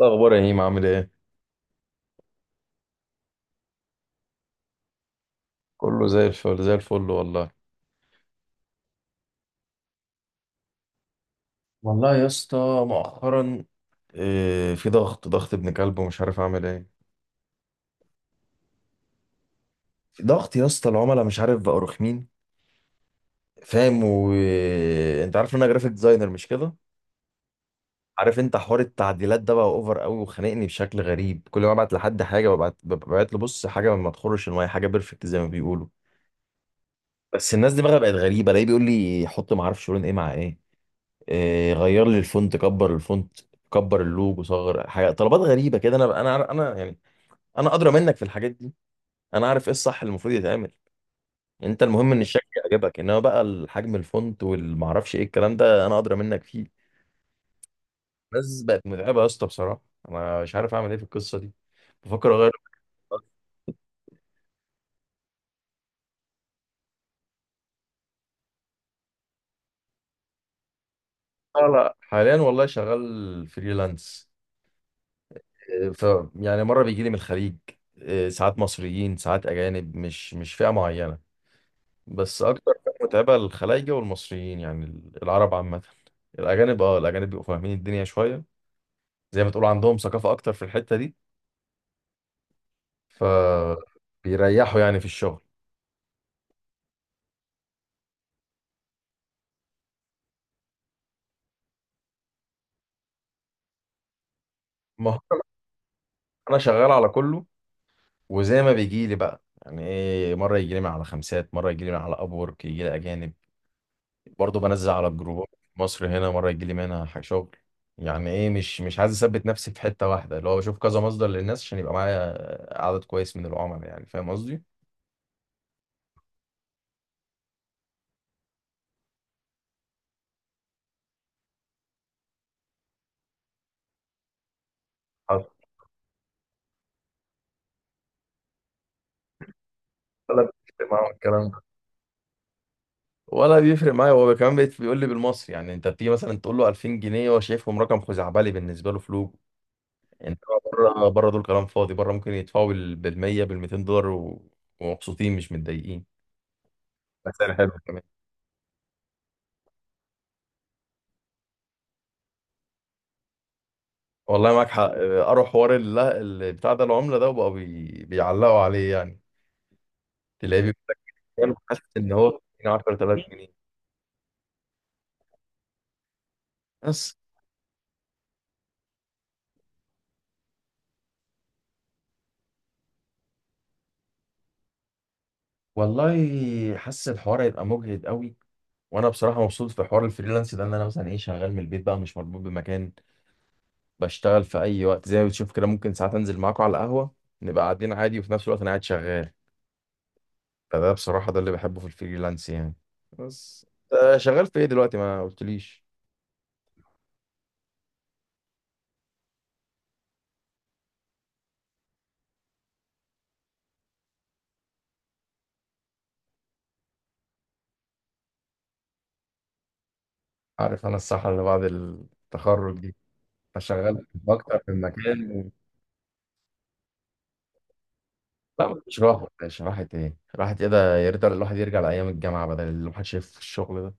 إيه الأخبار يا هيم، عامل إيه؟ كله زي الفل زي الفل والله. والله يا اسطى، مؤخرا إيه، في ضغط ابن كلب ومش عارف أعمل إيه. في ضغط يا اسطى، العملاء مش عارف بقوا رخمين. فاهم؟ وأنت عارف إن أنا جرافيك ديزاينر، مش كده؟ عارف أنت حوار التعديلات ده بقى أوفر قوي وخانقني بشكل غريب. كل ما أبعت لحد حاجة ببعت له، بص، حاجة ما تخرش المية، حاجة بيرفكت زي ما بيقولوا. بس الناس دي بقى بقت غريبة، الاقيه بيقول لي حط، ما أعرفش لون إيه مع إيه. إيه، غير لي الفونت، كبر الفونت، كبر اللوجو، صغر، حاجه طلبات غريبه كده. انا يعني، انا ادرى منك في الحاجات دي. انا عارف ايه الصح اللي المفروض يتعمل. انت المهم ان الشكل يعجبك، انما بقى الحجم، الفونت، والمعرفش ايه، الكلام ده انا ادرى منك فيه. بس بقت متعبه يا اسطى بصراحه. انا مش عارف اعمل ايه في القصه دي. بفكر اغير. لا لا، حاليا والله شغال فريلانس. إيه، يعني مره بيجي لي من الخليج. إيه، ساعات مصريين، ساعات اجانب، مش فئه معينه. بس اكتر فئة متعبة الخلايجة والمصريين، يعني العرب عامة. الاجانب، اه، الاجانب بيبقوا فاهمين الدنيا شوية، زي ما تقول عندهم ثقافة اكتر في الحتة دي، فبيريحوا يعني في الشغل. ما هو انا شغال على كله، وزي ما بيجي لي بقى، يعني ايه، مرة يجي لي من على خمسات، مرة يجي لي من على ابورك، يجي لي اجانب. برضه بنزل على الجروبات في مصر هنا، مرة يجي لي منها شغل. يعني ايه، مش عايز اثبت نفسي في حتة واحدة، اللي هو بشوف كذا مصدر للناس عشان يبقى معايا عدد كويس من العملاء، يعني فاهم قصدي؟ ولا بيفرق معاهم الكلام ده، ولا بيفرق معايا، هو كمان بيقول لي بالمصري، يعني انت بتيجي مثلا تقول له 2000 جنيه، هو شايفهم رقم خزعبلي، بالنسبه له فلوس. انت بره، بره دول كلام فاضي، بره ممكن يدفعوا بال 100، بال 200 دولار ومبسوطين، مش متضايقين، بس سعر حلو كمان. والله معاك حق، اه، قروا حوار بتاع ده، العمله ده، وبقوا بيعلقوا عليه يعني. تلاقيه بيقول لك، يعني حاسس ان هو 10000 جنيه بس. والله حاسس الحوار هيبقى مجهد قوي، وانا بصراحه مبسوط في حوار الفريلانس ده، ان انا مثلا ايه، شغال من البيت بقى، مش مربوط بمكان. بشتغل في اي وقت زي ما بتشوف كده، ممكن ساعات انزل معاكم على القهوه، نبقى قاعدين عادي، وفي نفس الوقت انا قاعد شغال. فده بصراحه، ده اللي بحبه في الفريلانس يعني. بس آه، شغال في ايه دلوقتي ما قلتليش. عارف انا الصحة اللي بعد التخرج دي، فشغال في اكتر من مكان و... لا مفيش راحه يا باشا، راحه ايه، راحه ايه؟ ده يا ريت الواحد يرجع لايام الجامعه، بدل اللي الواحد شايف في الشغل ده.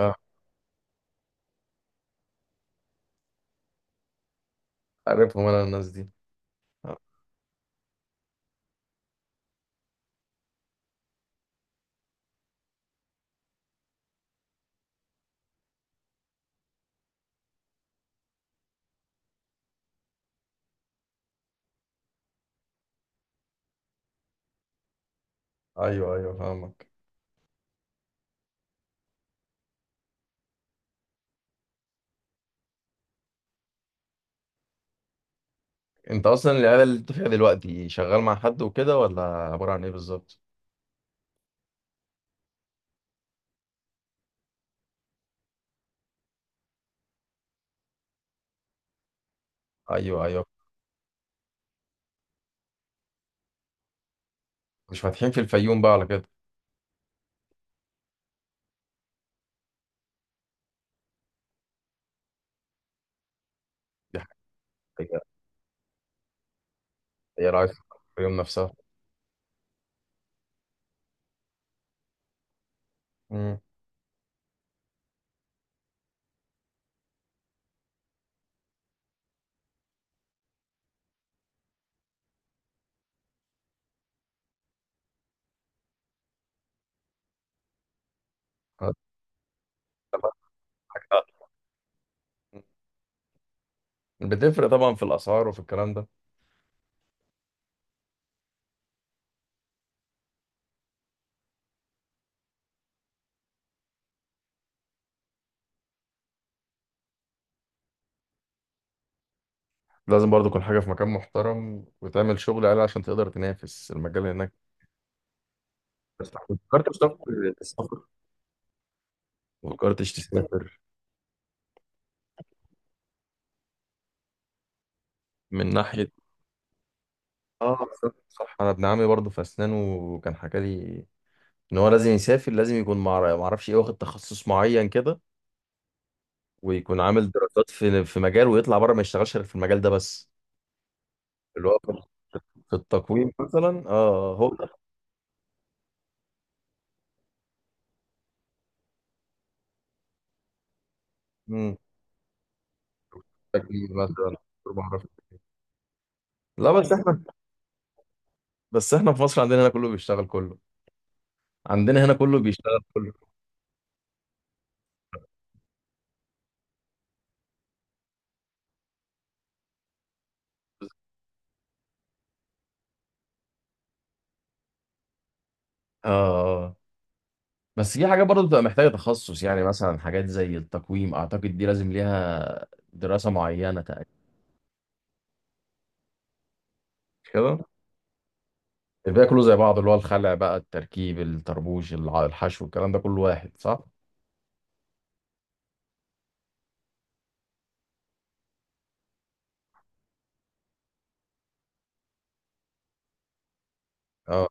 آه، عارفهم انا الناس دي. آه، ايوه ايوه، فاهمك. انت اصلا العياده اللي انت فيها دلوقتي شغال مع حد وكده، ولا عباره عن ايه بالظبط؟ ايوه ايوه. مش فاتحين في الفيوم بقى على كده؟ دي حاجه، هي عايز الفيوم نفسها. امم. بتفرق طبعا في الاسعار وفي الكلام ده. لازم برضو تكون حاجه في مكان محترم وتعمل شغل عالي عشان تقدر تنافس المجال هناك. بس فكرت تسافر، تسافر؟ فكرتش تسافر؟ من ناحيه. اه صح. صح. انا ابن عمي برضو في اسنان، وكان حكى لي ان هو لازم يسافر، لازم يكون مع، ما اعرفش ايه، واخد تخصص معين كده، ويكون عامل دراسات في مجال، ويطلع بره ما يشتغلش غير في المجال ده بس. اللي هو في التقويم مثلا، اه، آه، هو ده. مم. تكوين مثلا دكتور معرفة. لا بس احنا في مصر عندنا هنا كله بيشتغل كله. عندنا هنا كله بيشتغل كله. اه آه. آه. بس في حاجات برضه بتبقى محتاجة تخصص، يعني مثلا حاجات زي التقويم، اعتقد دي لازم ليها دراسة معينة تقريبا. كده الباقي كله زي بعض، اللي هو الخلع بقى، التركيب، الطربوش، الحشو، الكلام ده كله واحد، صح؟ اه.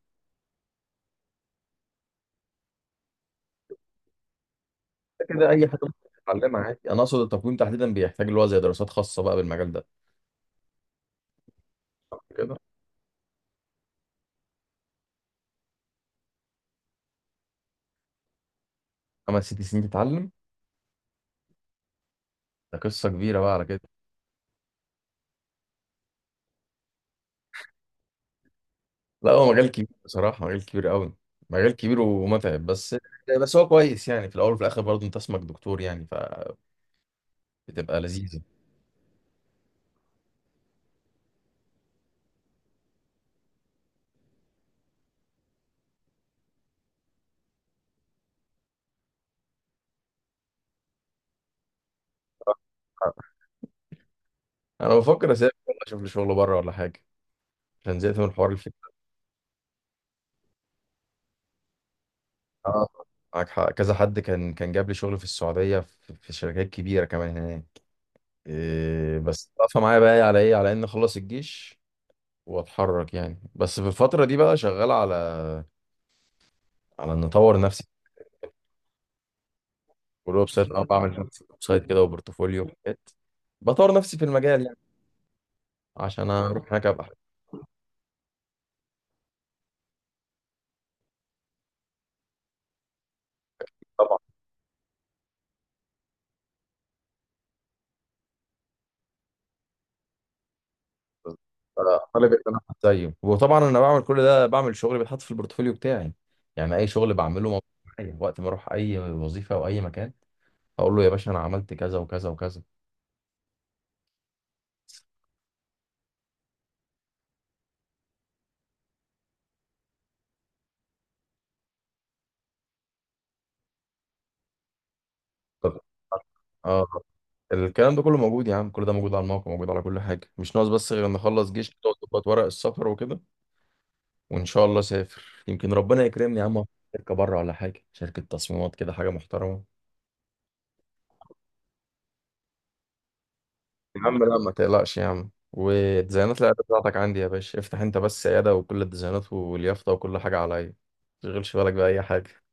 كده اي حاجه ممكن تتعلمها عادي، انا اقصد التقويم تحديدا بيحتاج اللي هو زي دراسات خاصه بقى بالمجال ده. كده 5 6 سنين تتعلم. ده قصه كبيره بقى على كده. لا هو مجال كبير بصراحه، مجال كبير قوي، مجال كبير ومتعب بس. بس هو كويس يعني، في الاول وفي الاخر برضه انت اسمك دكتور، يعني فبتبقى لذيذه. انا بفكر اسافر والله، اشوف لي شغل بره ولا حاجه، عشان زهقت من الحوار الفكري. اه معاك حق. كذا حد كان جاب لي شغل في السعوديه، في شركات كبيره كمان هناك. إيه بس واقفه معايا بقى على ايه، على ان اخلص الجيش واتحرك يعني. بس في الفتره دي بقى شغال على، على ان اطور نفسي. والويب سايت، اه، بعمل ويب سايت كده، وبورتفوليو، وحاجات. بطور نفسي في المجال يعني، عشان اروح هناك ابقى طبعا طالب ان انا أبقى زيه. وطبعا انا بعمل كل ده، بعمل شغل بيتحط في البورتفوليو بتاعي. يعني اي شغل بعمله موجود معايا وقت ما اروح اي وظيفه او اي مكان، اقول له يا باشا انا عملت كذا وكذا وكذا. طب اه، الكلام ده كله موجود يا عم، كل ده موجود على الموقع، موجود على كل حاجه، مش ناقص بس غير ان اخلص جيش، وتقعد تظبط ورق السفر وكده. وان شاء الله سافر، يمكن ربنا يكرمني يا عم في شركه بره ولا حاجه، شركه تصميمات كده حاجه محترمه. يا عم لا ما تقلقش يا عم، والديزاينات العياده بتاعتك عندي يا باشا، افتح انت بس عياده، وكل الديزاينات واليافطه وكل حاجه عليا، ما تشغلش بالك باي حاجه.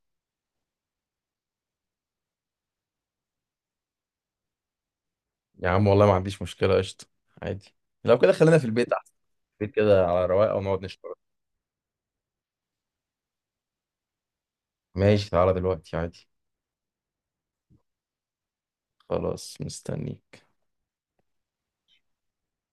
يا عم والله ما عنديش مشكله، قشطه، عادي. لو كده خلينا في البيت احسن. البيت كده على رواقه ونقعد نشتغل. ماشي تعالى دلوقتي عادي. خلاص مستني.